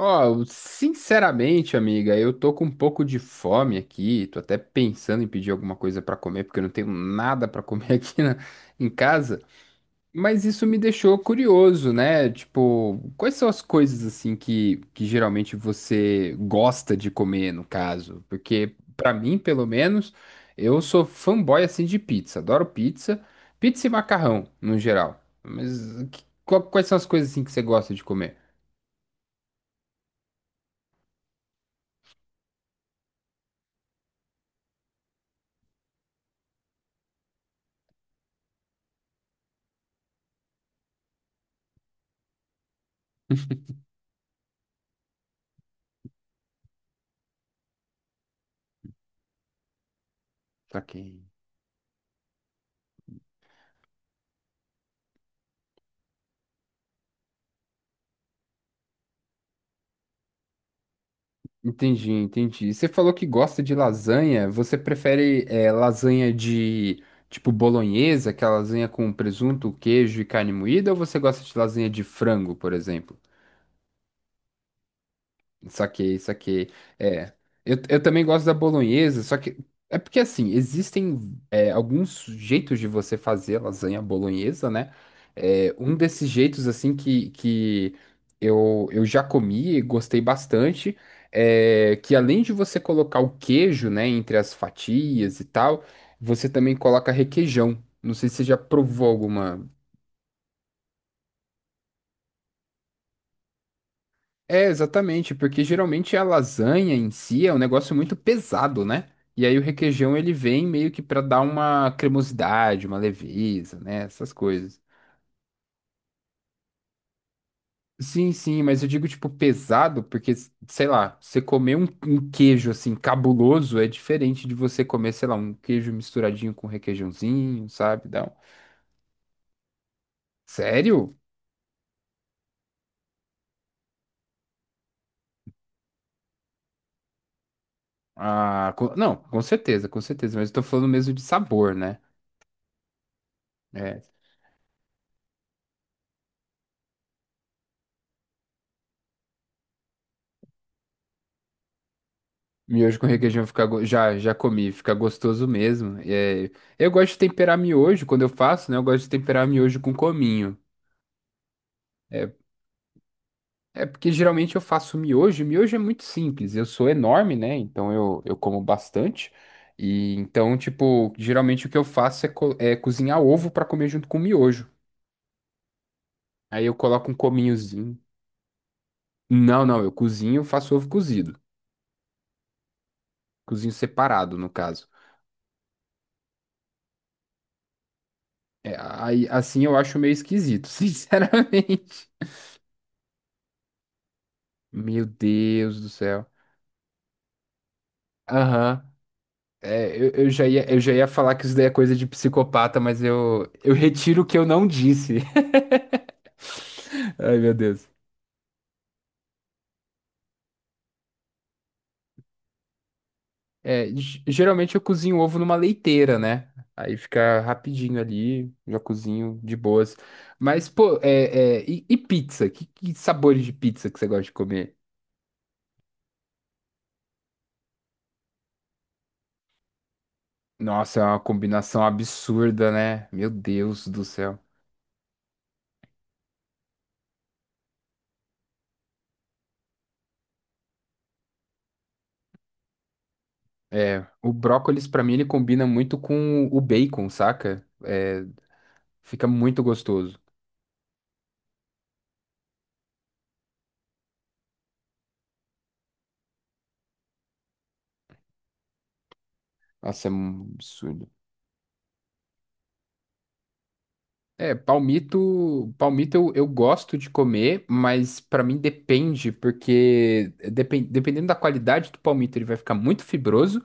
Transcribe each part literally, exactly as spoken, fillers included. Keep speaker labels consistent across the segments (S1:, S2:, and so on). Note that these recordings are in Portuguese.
S1: Ó, sinceramente, amiga, eu tô com um pouco de fome aqui. Tô até pensando em pedir alguma coisa pra comer, porque eu não tenho nada pra comer aqui na- em casa. Mas isso me deixou curioso, né? Tipo, quais são as coisas assim que, que geralmente você gosta de comer, no caso? Porque pra mim, pelo menos, eu sou fanboy assim de pizza. Adoro pizza, pizza e macarrão, no geral. Mas que- qual- quais são as coisas assim que você gosta de comer? Pra Entendi, entendi. Você falou que gosta de lasanha. Você prefere eh, lasanha de tipo bolonhesa, que é a lasanha com presunto, queijo e carne moída, ou você gosta de lasanha de frango, por exemplo? Saquei, saquei. É, eu, eu também gosto da bolonhesa, só que é porque assim, existem é, alguns jeitos de você fazer lasanha bolonhesa, né? É, um desses jeitos, assim, que, que eu, eu já comi e gostei bastante, é que além de você colocar o queijo, né, entre as fatias e tal, você também coloca requeijão. Não sei se você já provou alguma. É, exatamente, porque geralmente a lasanha em si é um negócio muito pesado, né? E aí o requeijão ele vem meio que pra dar uma cremosidade, uma leveza, né? Essas coisas. Sim, sim, mas eu digo tipo pesado porque, sei lá, você comer um, um queijo assim cabuloso é diferente de você comer, sei lá, um queijo misturadinho com requeijãozinho, sabe? Dá um- Sério? Ah, co- não, com certeza, com certeza, mas eu tô falando mesmo de sabor, né? É. Miojo com requeijão fica, go- já, já comi, fica gostoso mesmo. É, eu gosto de temperar miojo quando eu faço, né? Eu gosto de temperar miojo com cominho. É, é porque geralmente eu faço miojo, e miojo é muito simples. Eu sou enorme, né? Então eu, eu como bastante. E então, tipo, geralmente o que eu faço é, co- é cozinhar ovo para comer junto com miojo. Aí eu coloco um cominhozinho. Não, não, eu cozinho, faço ovo cozido. Cozinho separado, no caso. É, aí, assim eu acho meio esquisito, sinceramente. Meu Deus do céu. Aham. É, eu, eu já ia, eu já ia falar que isso daí é coisa de psicopata, mas eu, eu retiro o que eu não disse. Ai, meu Deus. É, ge- geralmente eu cozinho ovo numa leiteira, né? Aí fica rapidinho ali, já cozinho de boas. Mas, pô, é, é, e, e pizza? Que, que sabores de pizza que você gosta de comer? Nossa, é uma combinação absurda, né? Meu Deus do céu. É, o brócolis, pra mim, ele combina muito com o bacon, saca? É, fica muito gostoso. Nossa, é um absurdo. É, palmito, palmito eu, eu gosto de comer, mas pra mim depende, porque depen- dependendo da qualidade do palmito, ele vai ficar muito fibroso,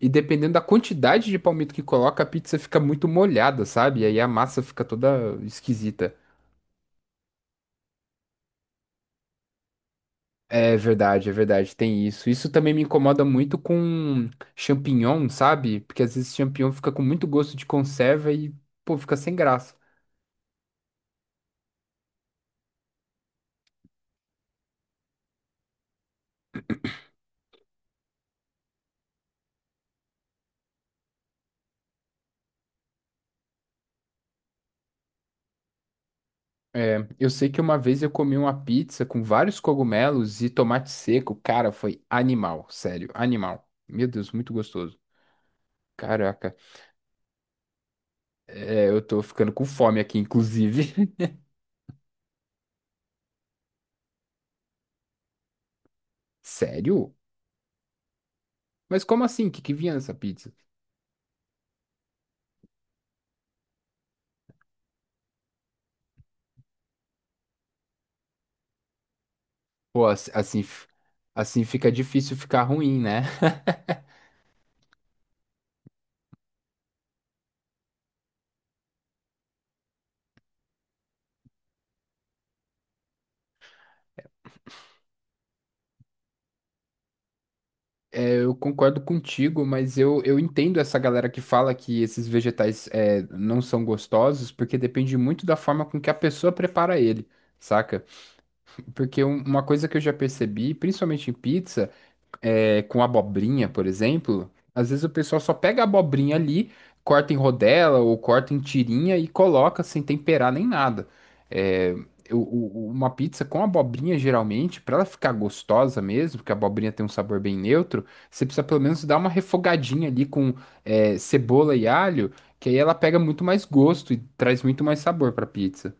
S1: e dependendo da quantidade de palmito que coloca, a pizza fica muito molhada, sabe? E aí a massa fica toda esquisita. É verdade, é verdade, tem isso. Isso também me incomoda muito com champignon, sabe? Porque às vezes champignon fica com muito gosto de conserva e, pô, fica sem graça. É, eu sei que uma vez eu comi uma pizza com vários cogumelos e tomate seco. Cara, foi animal, sério, animal. Meu Deus, muito gostoso. Caraca, é, eu tô ficando com fome aqui, inclusive. Sério? Mas como assim? O que que vinha nessa pizza? Pô, ass- assim, f- assim fica difícil ficar ruim, né? Eu concordo contigo, mas eu, eu entendo essa galera que fala que esses vegetais é, não são gostosos, porque depende muito da forma com que a pessoa prepara ele, saca? Porque um- uma coisa que eu já percebi, principalmente em pizza, é, com abobrinha, por exemplo, às vezes o pessoal só pega a abobrinha ali, corta em rodela ou corta em tirinha e coloca sem temperar nem nada. É, o- o- uma pizza com abobrinha, geralmente, para ela ficar gostosa mesmo, porque a abobrinha tem um sabor bem neutro, você precisa pelo menos dar uma refogadinha ali com é, cebola e alho, que aí ela pega muito mais gosto e traz muito mais sabor para pizza.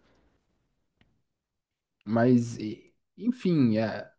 S1: Mas, e- enfim, é.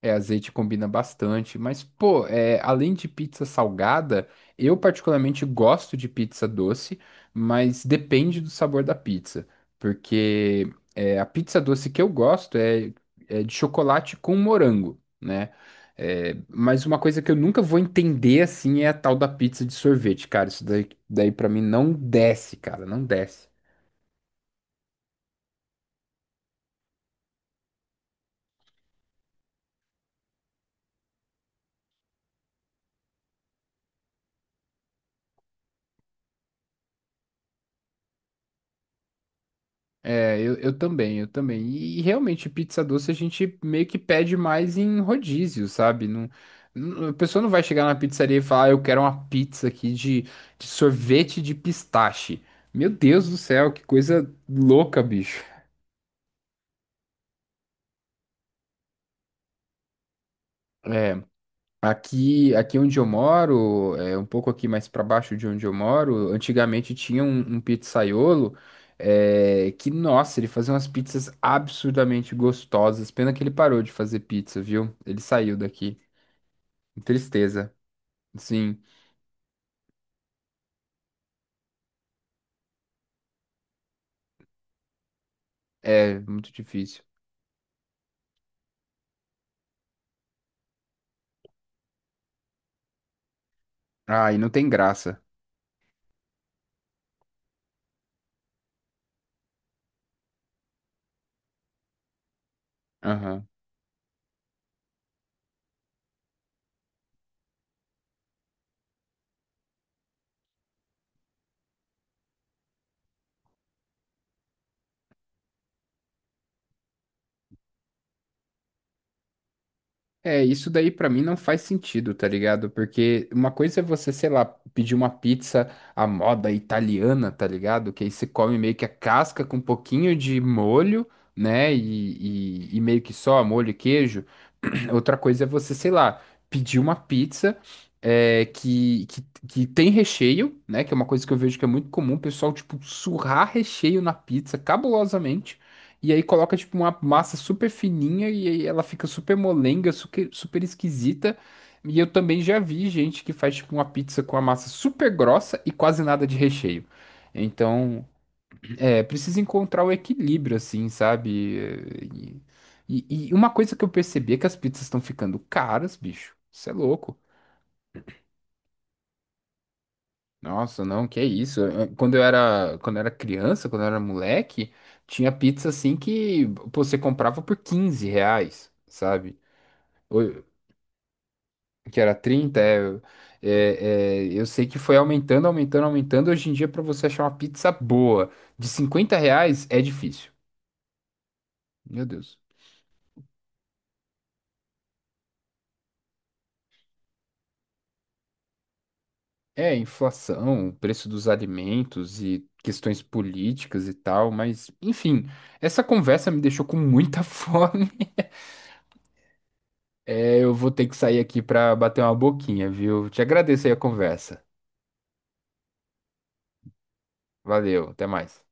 S1: É, azeite combina bastante, mas pô, é, além de pizza salgada, eu particularmente gosto de pizza doce, mas depende do sabor da pizza, porque é, a pizza doce que eu gosto é, é de chocolate com morango, né? É, mas uma coisa que eu nunca vou entender assim é a tal da pizza de sorvete, cara. Isso daí, daí para mim não desce, cara, não desce. É, eu, eu também, eu também. E, e realmente, pizza doce a gente meio que pede mais em rodízio, sabe? Não, não- a pessoa não vai chegar na pizzaria e falar, "Ah, eu quero uma pizza aqui de, de sorvete de pistache." Meu Deus do céu, que coisa louca, bicho. É. Aqui, aqui onde eu moro, é um pouco aqui mais para baixo de onde eu moro, antigamente tinha um, um pizzaiolo é, que, nossa, ele fazia umas pizzas absurdamente gostosas. Pena que ele parou de fazer pizza, viu? Ele saiu daqui. Tristeza. Sim, é muito difícil. Ah, e não tem graça. Aham. É, isso daí pra mim não faz sentido, tá ligado? Porque uma coisa é você, sei lá, pedir uma pizza à moda italiana, tá ligado? Que aí você come meio que a casca com um pouquinho de molho, né? E, e, e meio que só molho e queijo. Outra coisa é você, sei lá, pedir uma pizza é, que, que, que tem recheio, né? Que é uma coisa que eu vejo que é muito comum, o pessoal, tipo, surrar recheio na pizza cabulosamente. E aí coloca tipo uma massa super fininha e aí ela fica super molenga, super, super esquisita. E eu também já vi gente que faz tipo uma pizza com a massa super grossa e quase nada de recheio. Então, é, precisa encontrar o equilíbrio assim, sabe? E, e- e uma coisa que eu percebi é que as pizzas estão ficando caras, bicho. Isso é louco. Nossa, não, que é isso? É, Quando eu era, quando eu era criança, quando eu era moleque, tinha pizza assim que pô, você comprava por quinze reais, sabe? o- que era trinta, é, é, é, eu sei que foi aumentando, aumentando, aumentando. Hoje em dia, para você achar uma pizza boa de cinquenta reais é difícil. Meu Deus. É, inflação, preço dos alimentos e questões políticas e tal, mas enfim, essa conversa me deixou com muita fome. É, eu vou ter que sair aqui para bater uma boquinha, viu? Te agradeço aí a conversa. Valeu, até mais.